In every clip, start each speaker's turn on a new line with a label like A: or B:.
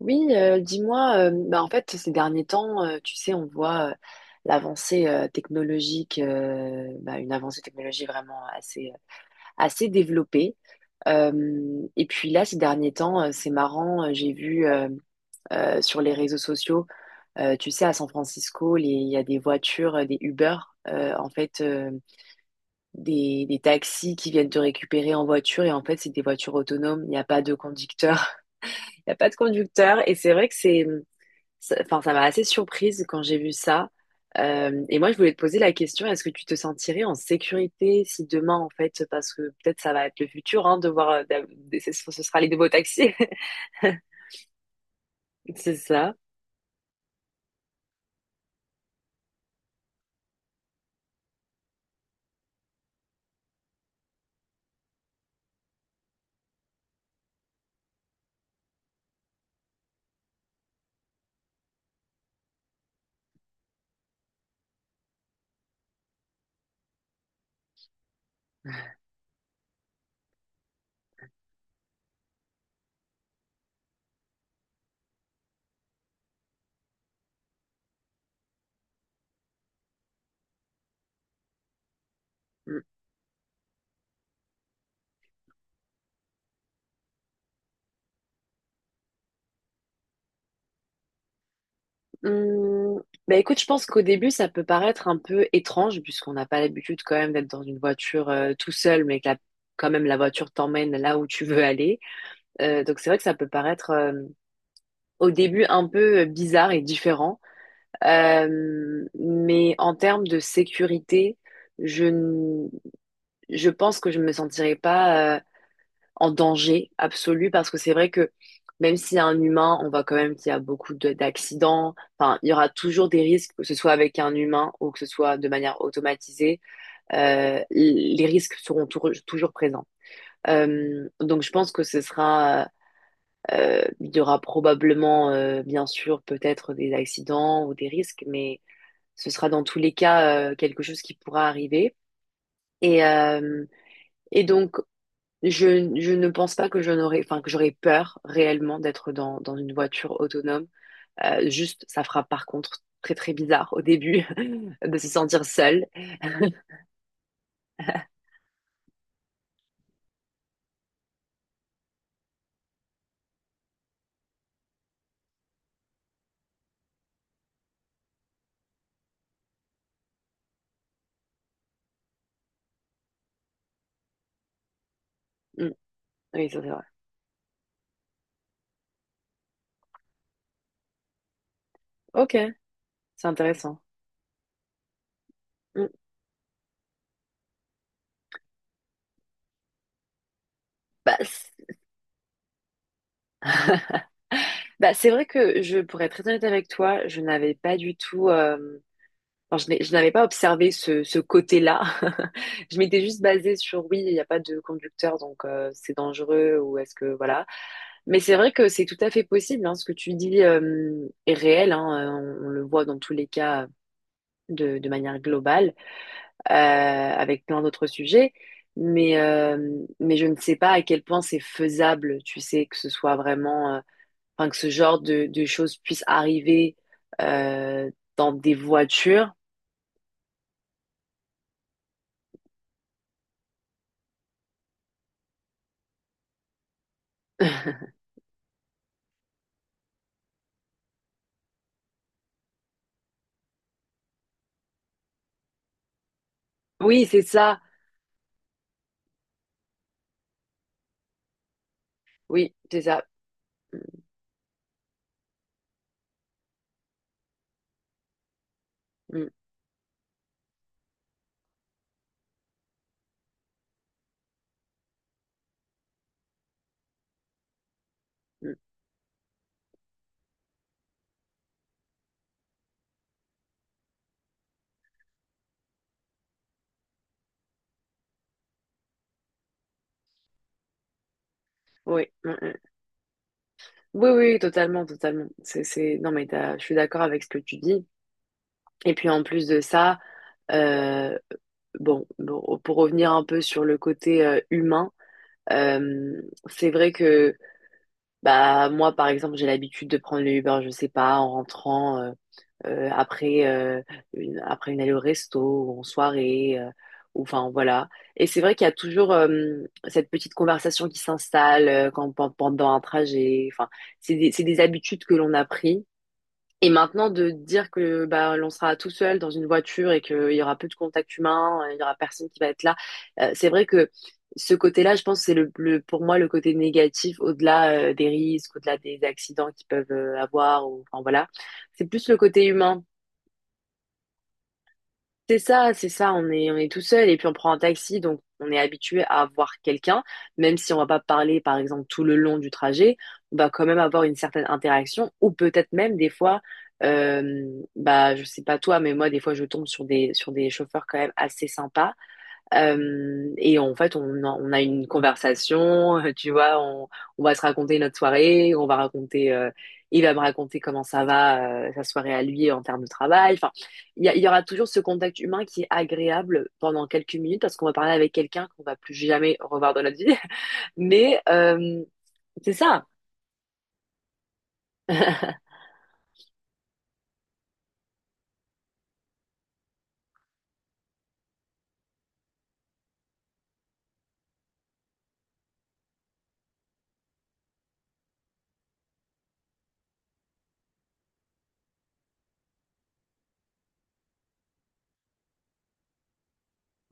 A: Oui, dis-moi, en fait, ces derniers temps, tu sais, on voit l'avancée technologique, bah, une avancée technologique vraiment assez développée. Euh, et puis là, ces derniers temps, c'est marrant, j'ai vu sur les réseaux sociaux, tu sais, à San Francisco, il y a des voitures, des Uber, euh, en fait, euh, des taxis qui viennent te récupérer en voiture. Et en fait, c'est des voitures autonomes, il n'y a pas de conducteur. Il n'y a pas de conducteur. Et c'est vrai que Enfin, ça m'a assez surprise quand j'ai vu ça. Et moi, je voulais te poser la question, est-ce que tu te sentirais en sécurité si demain, en fait, parce que peut-être ça va être le futur, hein, de voir, ce sera les nouveaux taxis. C'est ça. Mm. Mm. Bah écoute, je pense qu'au début, ça peut paraître un peu étrange, puisqu'on n'a pas l'habitude quand même d'être dans une voiture tout seul, mais que quand même la voiture t'emmène là où tu veux aller. Donc c'est vrai que ça peut paraître au début un peu bizarre et différent. Mais en termes de sécurité, je, n- je pense que je ne me sentirais pas en danger absolu parce que c'est vrai que même s'il y a un humain, on voit quand même qu'il y a beaucoup d'accidents. Enfin, il y aura toujours des risques, que ce soit avec un humain ou que ce soit de manière automatisée. Les risques seront toujours présents. Donc je pense que il y aura probablement, bien sûr, peut-être des accidents ou des risques, mais ce sera dans tous les cas quelque chose qui pourra arriver. Et, euh, donc, je ne pense pas que j'aurais peur réellement d'être dans une voiture autonome. Juste, ça fera par contre très très bizarre au début de se sentir seule. Mm. Oui, ça, c'est vrai. Ok, c'est intéressant. Mm. Bah, c'est bah, c'est vrai que pourrais être très honnête avec toi, je n'avais pas du tout. Alors, je n'avais pas observé ce côté-là. Je m'étais juste basée sur oui, il n'y a pas de conducteur, donc c'est dangereux ou est-ce que voilà. Mais c'est vrai que c'est tout à fait possible, hein, ce que tu dis est réel, hein. On le voit dans tous les cas de manière globale, avec plein d'autres sujets. Mais euh, mais je ne sais pas à quel point c'est faisable. Tu sais que ce soit vraiment, enfin que ce genre de choses puisse arriver euh, dans des voitures. Oui, c'est ça. Oui, c'est ça. Mm, mm, mm. Oui, mm, mm. Oui, oui, oui, totalement, totalement. C'est... Non, mais je suis d'accord avec ce que tu dis. Et puis en plus de ça, euh, pour revenir un peu sur le côté humain, euh, c'est vrai que bah moi, par exemple, j'ai l'habitude de prendre le Uber, je sais pas, en rentrant. euh, après, euh, Après une allée au resto ou en soirée, ou enfin voilà. Et c'est vrai qu'il y a toujours cette petite conversation qui s'installe quand, pendant un trajet. Enfin, c'est des habitudes que l'on a pris. Et maintenant, de dire que bah, l'on sera tout seul dans une voiture et qu'il y aura peu de contact humain, il y aura personne qui va être là, c'est vrai que ce côté-là, je pense, pour moi le côté négatif, au-delà des risques, au-delà des accidents qu'ils peuvent avoir, ou, enfin voilà. C'est plus le côté humain. C'est ça, on est, On est tout seul et puis on prend un taxi, donc on est habitué à avoir quelqu'un, même si on va pas parler par exemple tout le long du trajet, on va quand même avoir une certaine interaction ou peut-être même des fois, euh, bah je sais pas toi, mais moi des fois je tombe sur sur des chauffeurs quand même assez sympas et en fait, on a une conversation, tu vois, on va se raconter notre soirée, on va raconter, il va me raconter comment ça va, sa soirée à lui en termes de travail. Enfin, il y aura toujours ce contact humain qui est agréable pendant quelques minutes parce qu'on va parler avec quelqu'un qu'on va plus jamais revoir dans notre vie. Mais euh, c'est ça,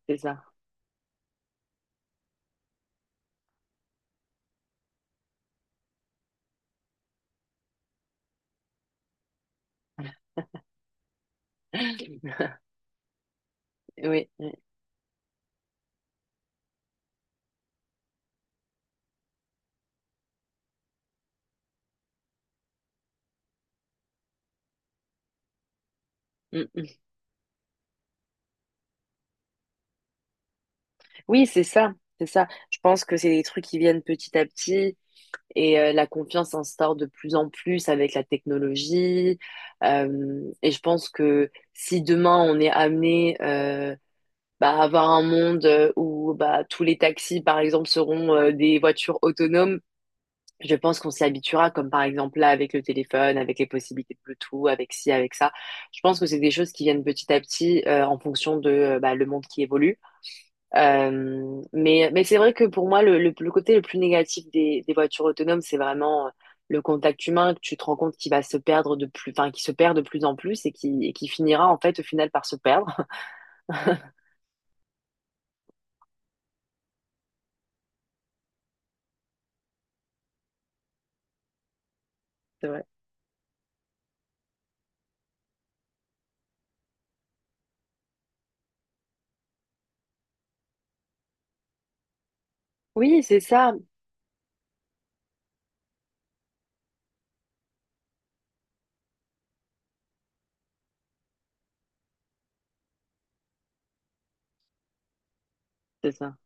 A: c'est ça. Oui, oui, Mm, mm. Oui, c'est ça, c'est ça. Je pense que c'est des trucs qui viennent petit à petit. La confiance s'instaure de plus en plus avec la technologie. Et je pense que si demain on est amené bah, à avoir un monde où bah, tous les taxis, par exemple, seront des voitures autonomes, je pense qu'on s'y habituera, comme par exemple là avec le téléphone, avec les possibilités de Bluetooth, avec ci, avec ça. Je pense que c'est des choses qui viennent petit à petit en fonction de bah, le monde qui évolue. Mais c'est vrai que pour moi, le côté le plus négatif des voitures autonomes, c'est vraiment le contact humain que tu te rends compte qui va se perdre de plus, enfin, qui se perd de plus en plus et qui finira en fait au final par se perdre. C'est vrai. Oui, c'est ça. C'est ça.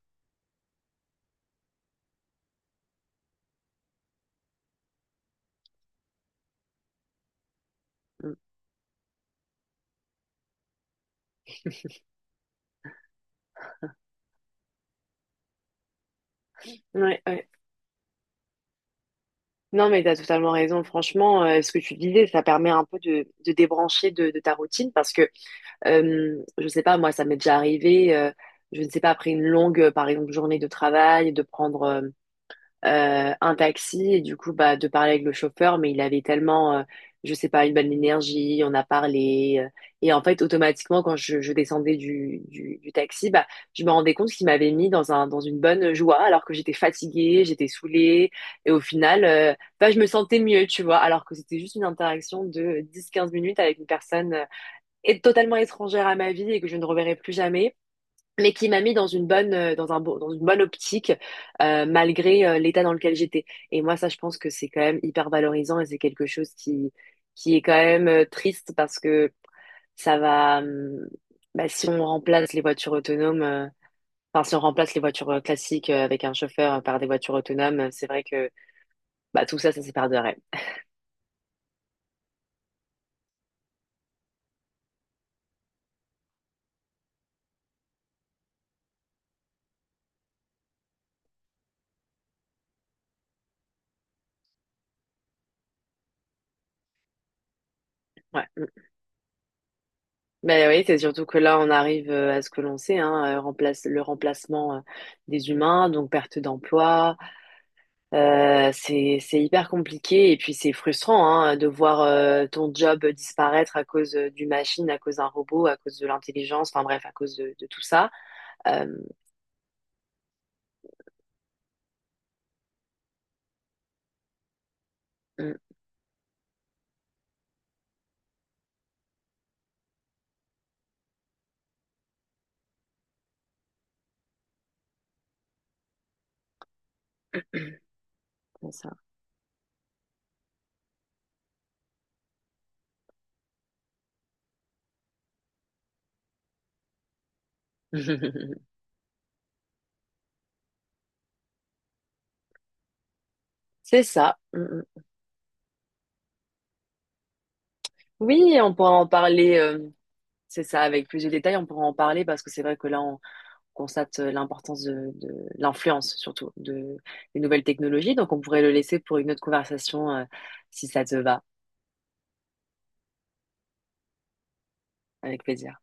A: Mm. Ouais, ouais. Non, mais tu as totalement raison. Franchement, ce que tu disais, ça permet un peu de débrancher de ta routine parce que, je sais pas, moi, ça m'est déjà arrivé, je ne sais pas, après une longue, par exemple, journée de travail, de prendre un taxi et du coup bah de parler avec le chauffeur mais il avait tellement je sais pas une bonne énergie, on a parlé et en fait automatiquement quand je descendais du taxi bah je me rendais compte qu'il m'avait mis dans un dans une bonne joie alors que j'étais fatiguée, j'étais saoulée et au final bah je me sentais mieux tu vois alors que c'était juste une interaction de dix quinze minutes avec une personne totalement étrangère à ma vie et que je ne reverrai plus jamais mais qui m'a mis dans une bonne dans une bonne optique malgré l'état dans lequel j'étais. Et moi ça je pense que c'est quand même hyper valorisant et c'est quelque chose qui est quand même triste parce que ça va bah, si on remplace les voitures autonomes enfin si on remplace les voitures classiques avec un chauffeur par des voitures autonomes, c'est vrai que bah tout ça ça s'épargnerait. Ouais. Mm. Mais oui, c'est surtout que là on arrive à ce que l'on sait hein, remplacement des humains, donc perte d'emploi. C'est hyper compliqué et puis c'est frustrant, hein, de voir ton job disparaître à cause d'une machine, à cause d'un robot, à cause de l'intelligence, enfin bref, à cause de tout ça. Euh, mm, c'est ça. C'est ça. Mm, mm. Oui, on pourra en parler, c'est ça, avec plus de détails, on pourra en parler parce que c'est vrai que là, on constate l'importance de l'influence surtout des nouvelles technologies, donc on pourrait le laisser pour une autre conversation si ça te va, avec plaisir.